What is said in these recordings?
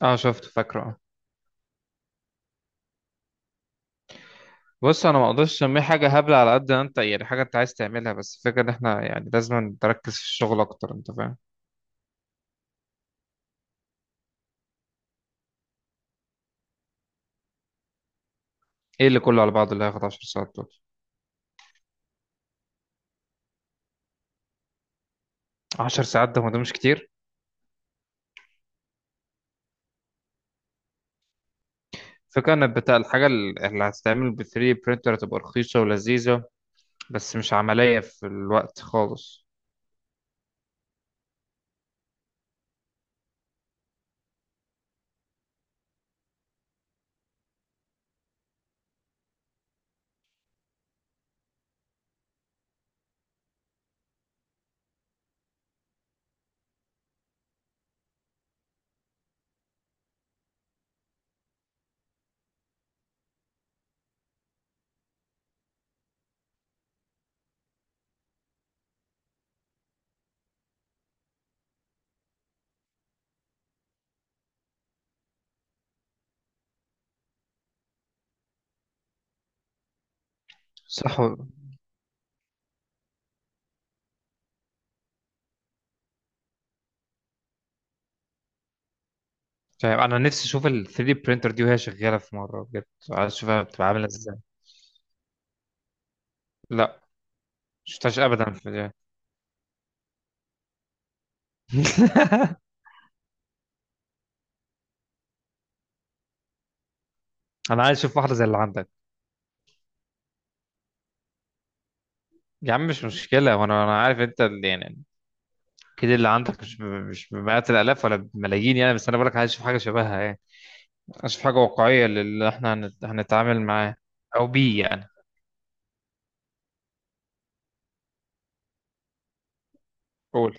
اه شفت فاكره اه. بص انا ما اقدرش اسميه حاجه هبله على قد ما انت، يعني حاجه انت عايز تعملها، بس الفكره ان احنا يعني لازم نركز في الشغل اكتر، انت فاهم؟ ايه اللي كله على بعضه اللي هياخد 10 ساعات دول؟ 10 ساعات ده، هو ده مش كتير؟ فكرة ان بتاع الحاجه اللي هتتعمل ب 3 برينتر هتبقى رخيصه ولذيذه، بس مش عمليه في الوقت خالص. صح ولا- فاهم، انا نفسي اشوف ال 3 برينتر دي وهي شغاله في مره بجد. عايز اشوفها بتبقى عامله ازاي. لا، مشفتهاش ابدا في الفيديو. انا عايز اشوف واحده زي اللي عندك. يا عم مش مشكلة، وانا عارف انت يعني اكيد اللي عندك مش بمئات الالاف ولا بملايين يعني، بس انا بقولك عايز اشوف حاجة شبهها يعني. عايز اشوف حاجة واقعية اللي احنا هنتعامل معاه او بيه يعني. قول.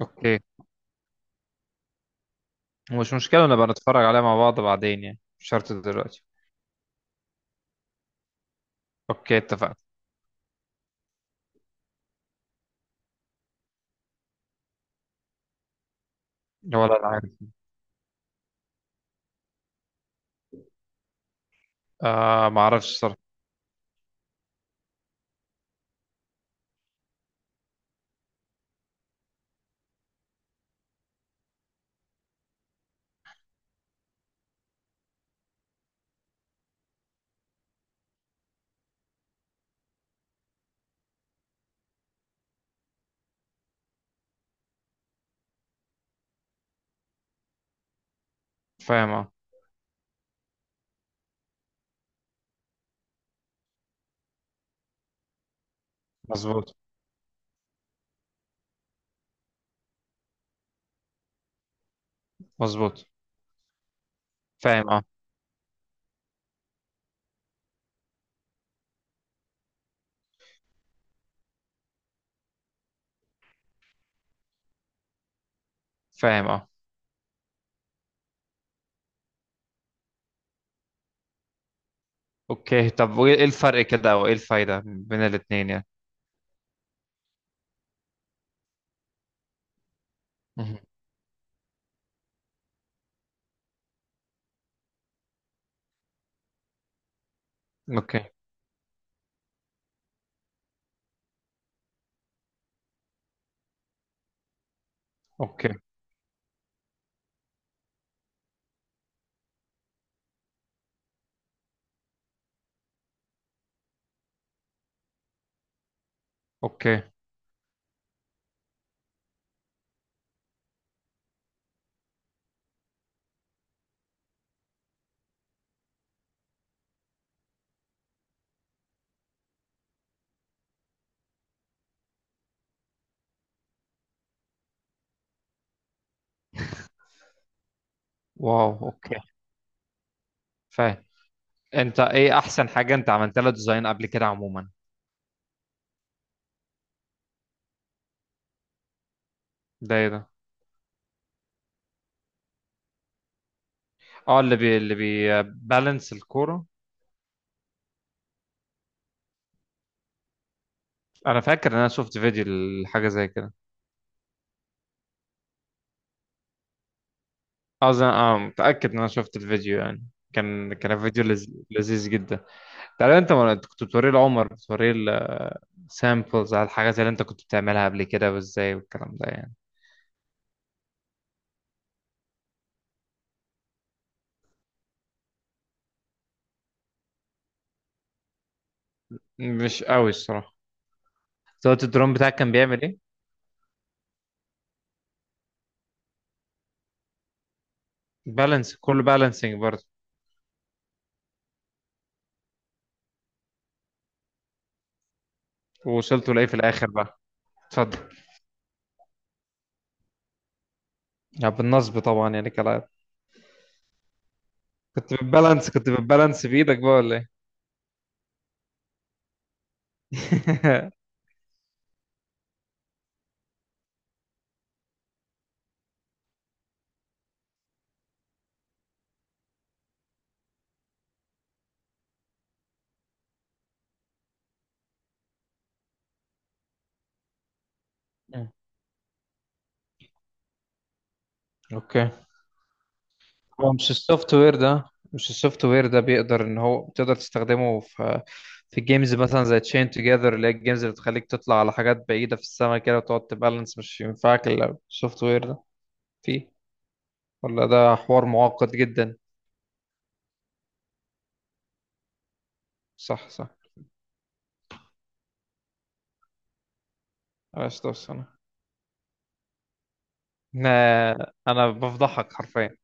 اوكي، مش مشكلة نبقى نتفرج عليها مع بعض بعدين يعني، مش شرط دلوقتي. اوكي اتفقنا. ولا العارف. آه ما اعرفش صراحة. فاهم اه. مظبوط. مظبوط. فاهم اه. فاهم اه. اوكي، طب وايه الفرق كده، او ايه الفايدة بين الاتنين يعني؟ مهم. اوكي. اوكي. اوكي. واو اوكي. فاهم. انت ايه احسن حاجه انت عملت لها ديزاين قبل كده عموما؟ ده ايه ده؟ اه اللي بيبالانس الكوره. انا فاكر ان انا شفت فيديو لحاجه زي كده. اظن اه، متاكد ان انا شفت الفيديو يعني. كان فيديو لذيذ جدا. تعالى انت، ما أنت كنت بتوريه لعمر، بتوريه السامبلز على الحاجات اللي انت كنت بتعملها قبل كده، وازاي، والكلام ده يعني. مش قوي الصراحه. صوت الدرون بتاعك كان بيعمل ايه؟ بالانس، كله بالانسنج برضه. ووصلت لايه في الاخر بقى؟ اتفضل. يعني بالنصب طبعا يعني كلا. كنت بتبالانس بايدك بقى ولا ايه؟ مم. اوكي. هو مش السوفت وير ده، مش السوفت وير ده بيقدر ان هو تقدر تستخدمه في في جيمز مثلا زي تشين توجذر، اللي هي الجيمز اللي بتخليك تطلع على حاجات بعيدة في السماء كده وتقعد تبالانس، مش ينفعك الا السوفت وير ده فيه، ولا ده حوار معقد جدا؟ صح صح. معلش بس انا أنا بفضحك حرفيا.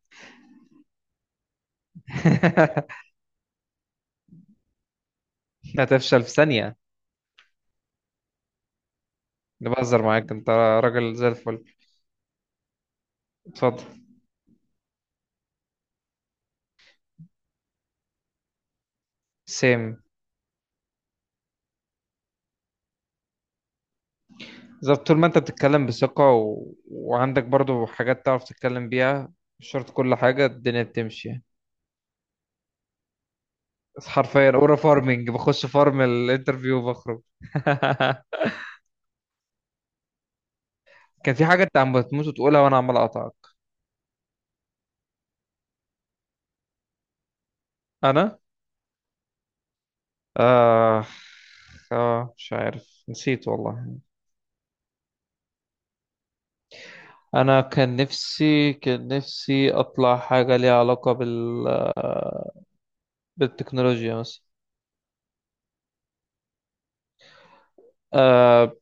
هتفشل في ثانية. أنا بهزر معاك انت، راجل زي الفل. اتفضل. سيم. بالظبط، طول ما انت بتتكلم بثقة وعندك برضو حاجات تعرف تتكلم بيها، مش شرط كل حاجة الدنيا بتمشي يعني. بس حرفيا اورا فارمنج، بخش فارم الانترفيو وبخرج. كان في حاجة انت عم بتموت وتقولها وانا عمال اقطعك. انا آه... اه مش عارف، نسيت والله. انا كان نفسي اطلع حاجة ليها علاقة بالتكنولوجيا مثلا. آه...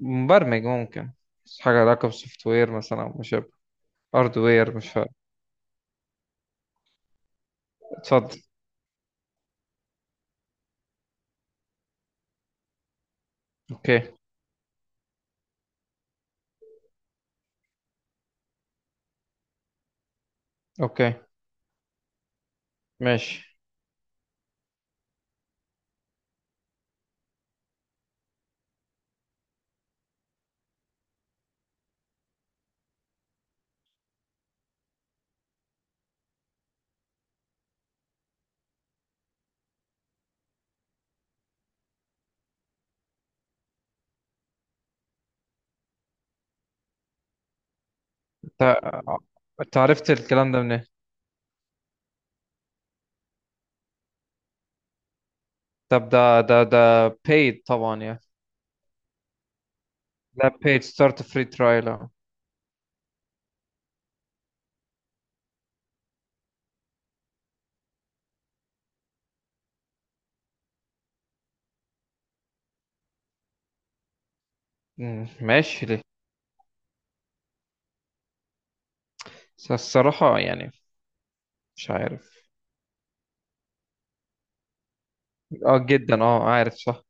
مبرمج ممكن، بس حاجة لها علاقة بالسوفت وير مثلا، أو مش هاردوير مش فارق. اتفضل. اوكي. اوكي ماشي. انت عرفت الكلام ده منين؟ طب ده paid طبعا يعني؟ لا، paid start free trial اه. مم، ماشي ليه. بس الصراحة يعني مش عارف. اه جدا اه، عارف صح.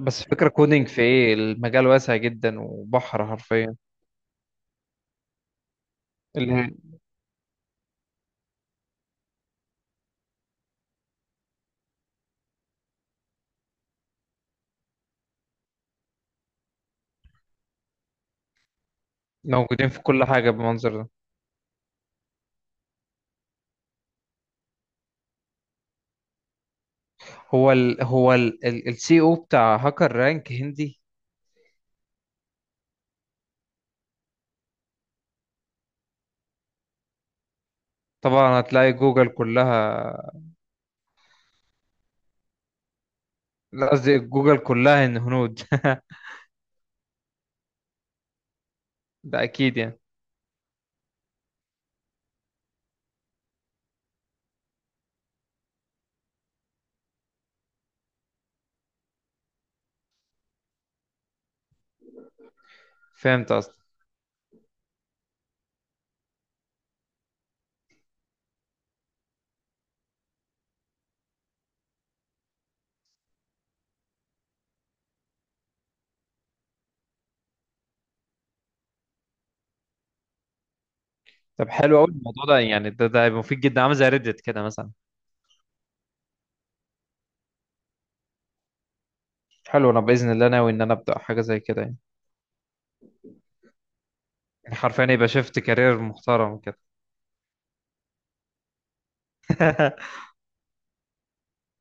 بس فكرة كودينج في ايه؟ المجال واسع جدا وبحر حرفيا. اللي هي موجودين في كل حاجة بالمنظر ده. هو السي او بتاع هاكر رانك هندي؟ طبعا، هتلاقي جوجل كلها. لا، قصدي جوجل كلها إن هنود. ده اكيد يعني. فهمت قصدي؟ طب حلو قوي الموضوع ده يعني، ده هيبقى مفيد جدا، عامل زي ريدت كده مثلا. حلو، انا باذن الله ناوي ان انا ابدا حاجه زي كده يعني. يعني حرفيا يبقى شفت كارير محترم كده.